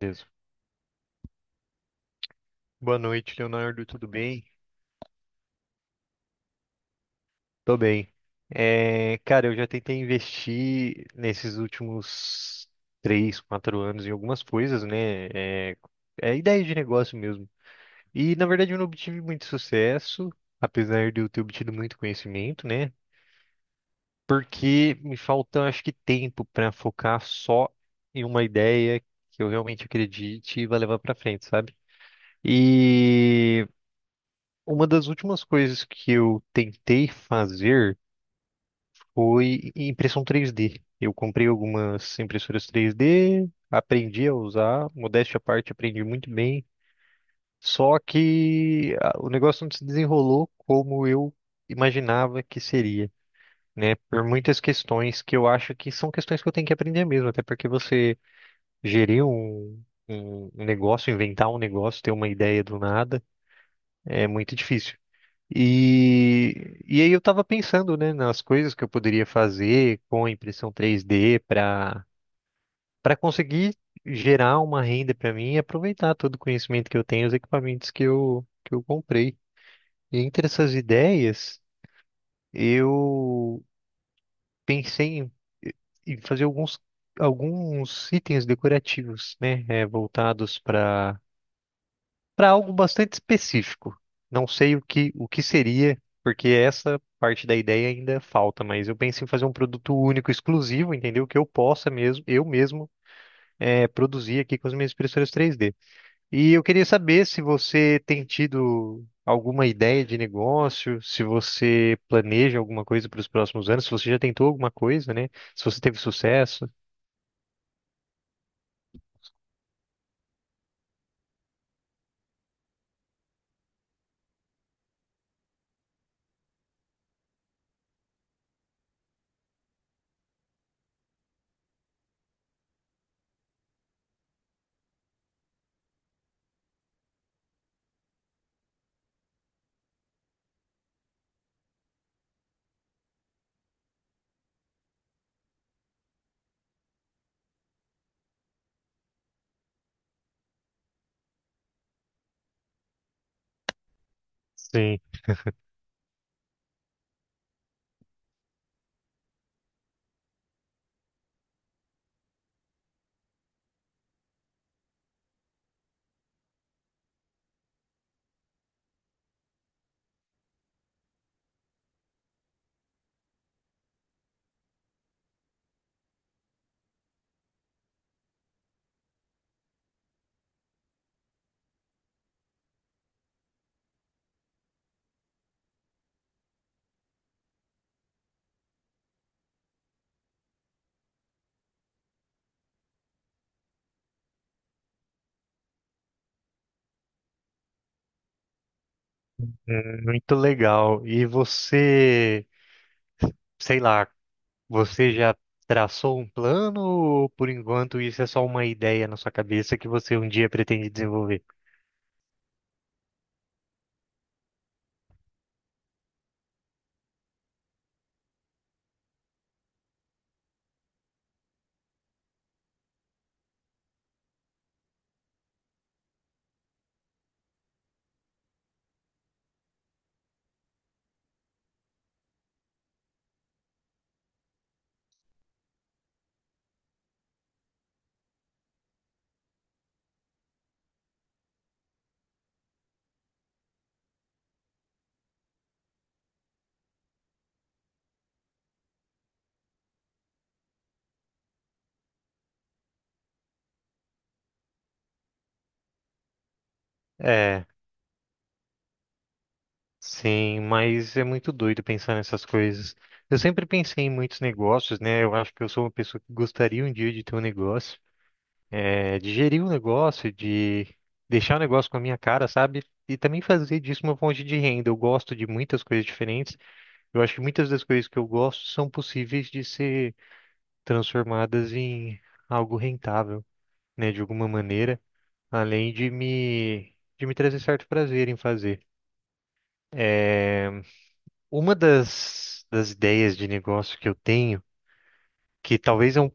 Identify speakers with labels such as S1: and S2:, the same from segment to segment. S1: Beleza. Boa noite, Leonardo. Tudo bem? Tô bem. É, cara, eu já tentei investir nesses últimos três, quatro anos em algumas coisas, né? É, ideia de negócio mesmo. E na verdade eu não obtive muito sucesso, apesar de eu ter obtido muito conhecimento, né? Porque me falta, acho que, tempo para focar só em uma ideia que eu realmente acredite e vá levar para frente, sabe? E uma das últimas coisas que eu tentei fazer foi impressão 3D. Eu comprei algumas impressoras 3D, aprendi a usar, modéstia à parte, aprendi muito bem. Só que o negócio não se desenrolou como eu imaginava que seria, né? Por muitas questões que eu acho que são questões que eu tenho que aprender mesmo, até porque você gerir um negócio, inventar um negócio, ter uma ideia do nada, é muito difícil. E aí eu tava pensando, né, nas coisas que eu poderia fazer com a impressão 3D para conseguir gerar uma renda para mim e aproveitar todo o conhecimento que eu tenho, os equipamentos que eu comprei. E entre essas ideias, eu pensei em fazer alguns itens decorativos, né, voltados para algo bastante específico. Não sei o que seria, porque essa parte da ideia ainda falta, mas eu penso em fazer um produto único, exclusivo, entendeu? Que eu possa mesmo, eu mesmo, produzir aqui com as minhas impressoras 3D. E eu queria saber se você tem tido alguma ideia de negócio, se você planeja alguma coisa para os próximos anos, se você já tentou alguma coisa, né? Se você teve sucesso. Sim. Muito legal. E você, sei lá, você já traçou um plano ou por enquanto isso é só uma ideia na sua cabeça que você um dia pretende desenvolver? É, sim, mas é muito doido pensar nessas coisas. Eu sempre pensei em muitos negócios, né? Eu acho que eu sou uma pessoa que gostaria um dia de ter um negócio, é, de gerir um negócio, de deixar o negócio com a minha cara, sabe? E também fazer disso uma fonte de renda. Eu gosto de muitas coisas diferentes. Eu acho que muitas das coisas que eu gosto são possíveis de ser transformadas em algo rentável, né, de alguma maneira, além de me trazer certo prazer em fazer. É, uma das ideias de negócio que eu tenho, que talvez é um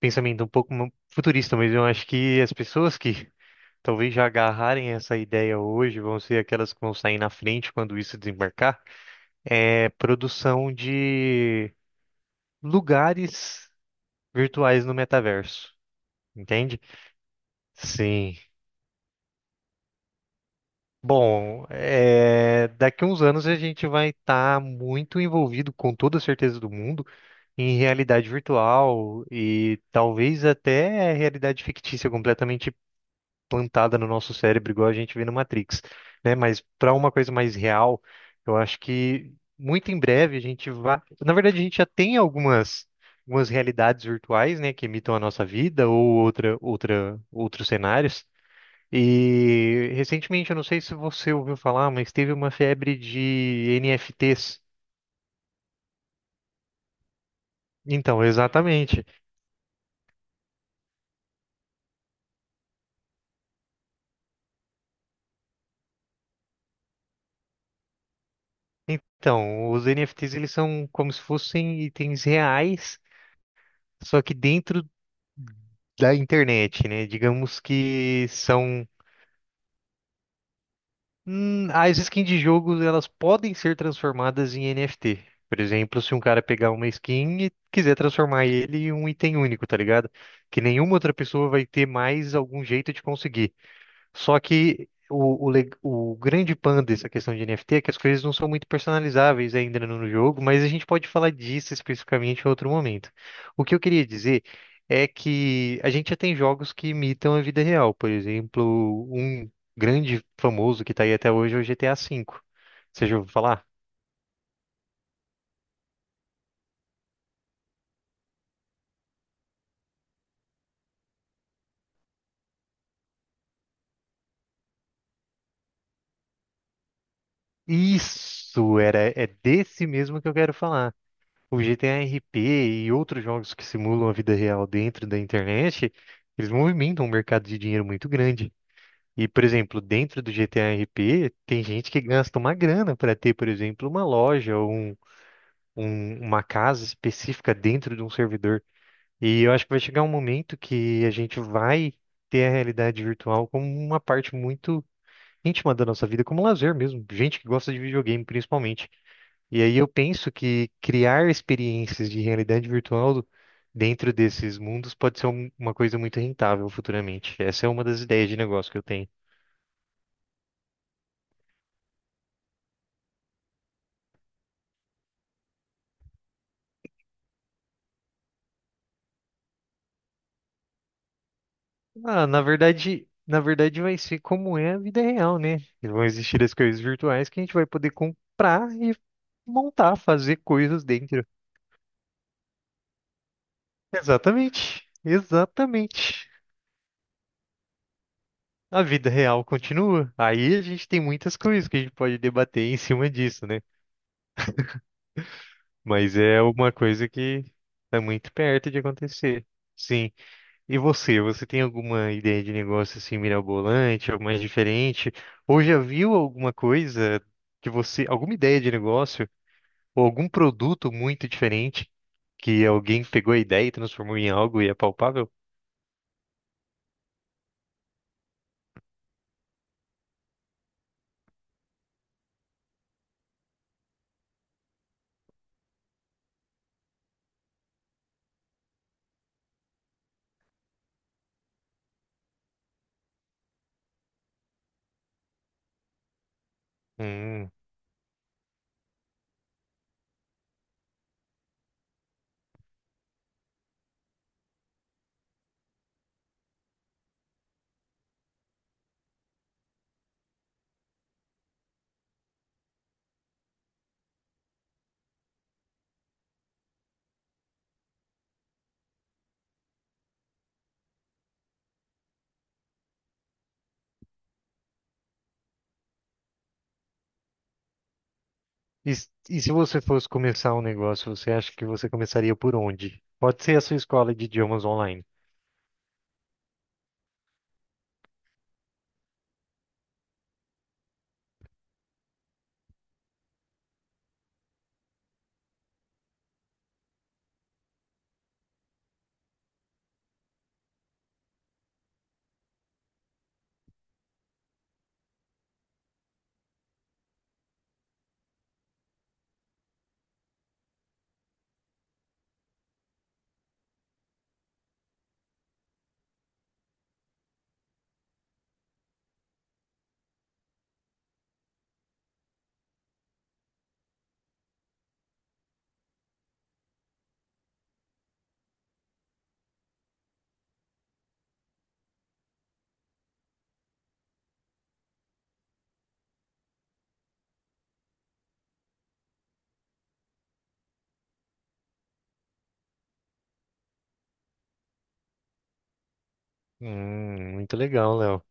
S1: pensamento um pouco futurista, mas eu acho que as pessoas que talvez já agarrarem essa ideia hoje vão ser aquelas que vão sair na frente quando isso desembarcar, é produção de lugares virtuais no metaverso. Entende? Sim. Bom, é, daqui a uns anos a gente vai estar muito envolvido, com toda a certeza do mundo, em realidade virtual e talvez até realidade fictícia completamente plantada no nosso cérebro, igual a gente vê no Matrix, né? Mas para uma coisa mais real, eu acho que muito em breve a gente vai. Na verdade, a gente já tem algumas realidades virtuais, né, que imitam a nossa vida ou outros cenários. E recentemente, eu não sei se você ouviu falar, mas teve uma febre de NFTs. Então, exatamente. Então, os NFTs eles são como se fossem itens reais, só que dentro da internet, né? Digamos que são as skins de jogos, elas podem ser transformadas em NFT. Por exemplo, se um cara pegar uma skin e quiser transformar ele em um item único, tá ligado? Que nenhuma outra pessoa vai ter mais algum jeito de conseguir. Só que o grande pan dessa questão de NFT é que as coisas não são muito personalizáveis ainda no jogo, mas a gente pode falar disso especificamente em outro momento. O que eu queria dizer é que a gente já tem jogos que imitam a vida real, por exemplo, um grande famoso que está aí até hoje é o GTA V. Você já ouviu falar? Isso, era, é desse mesmo que eu quero falar. O GTA RP e outros jogos que simulam a vida real dentro da internet, eles movimentam um mercado de dinheiro muito grande. E, por exemplo, dentro do GTA RP, tem gente que gasta uma grana para ter, por exemplo, uma loja ou uma casa específica dentro de um servidor. E eu acho que vai chegar um momento que a gente vai ter a realidade virtual como uma parte muito íntima da nossa vida, como lazer mesmo. Gente que gosta de videogame, principalmente. E aí eu penso que criar experiências de realidade virtual dentro desses mundos pode ser uma coisa muito rentável futuramente. Essa é uma das ideias de negócio que eu tenho. Ah, na verdade vai ser como é a vida real, né? Vão existir as coisas virtuais que a gente vai poder comprar e montar, fazer coisas dentro. Exatamente. Exatamente. A vida real continua. Aí a gente tem muitas coisas que a gente pode debater em cima disso, né? Mas é uma coisa que está muito perto de acontecer. Sim. E você tem alguma ideia de negócio assim mirabolante, algo mais diferente? Ou já viu alguma coisa que você, alguma ideia de negócio ou algum produto muito diferente que alguém pegou a ideia e transformou em algo e é palpável? Hum. E se você fosse começar um negócio, você acha que você começaria por onde? Pode ser a sua escola de idiomas online. Muito legal, Léo.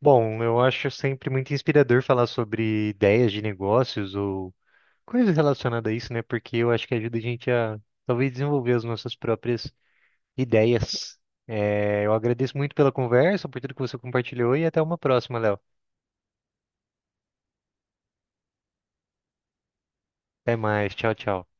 S1: Bom, eu acho sempre muito inspirador falar sobre ideias de negócios ou coisas relacionadas a isso, né? Porque eu acho que ajuda a gente a talvez desenvolver as nossas próprias ideias. É, eu agradeço muito pela conversa, por tudo que você compartilhou e até uma próxima, Léo. Até mais, tchau, tchau.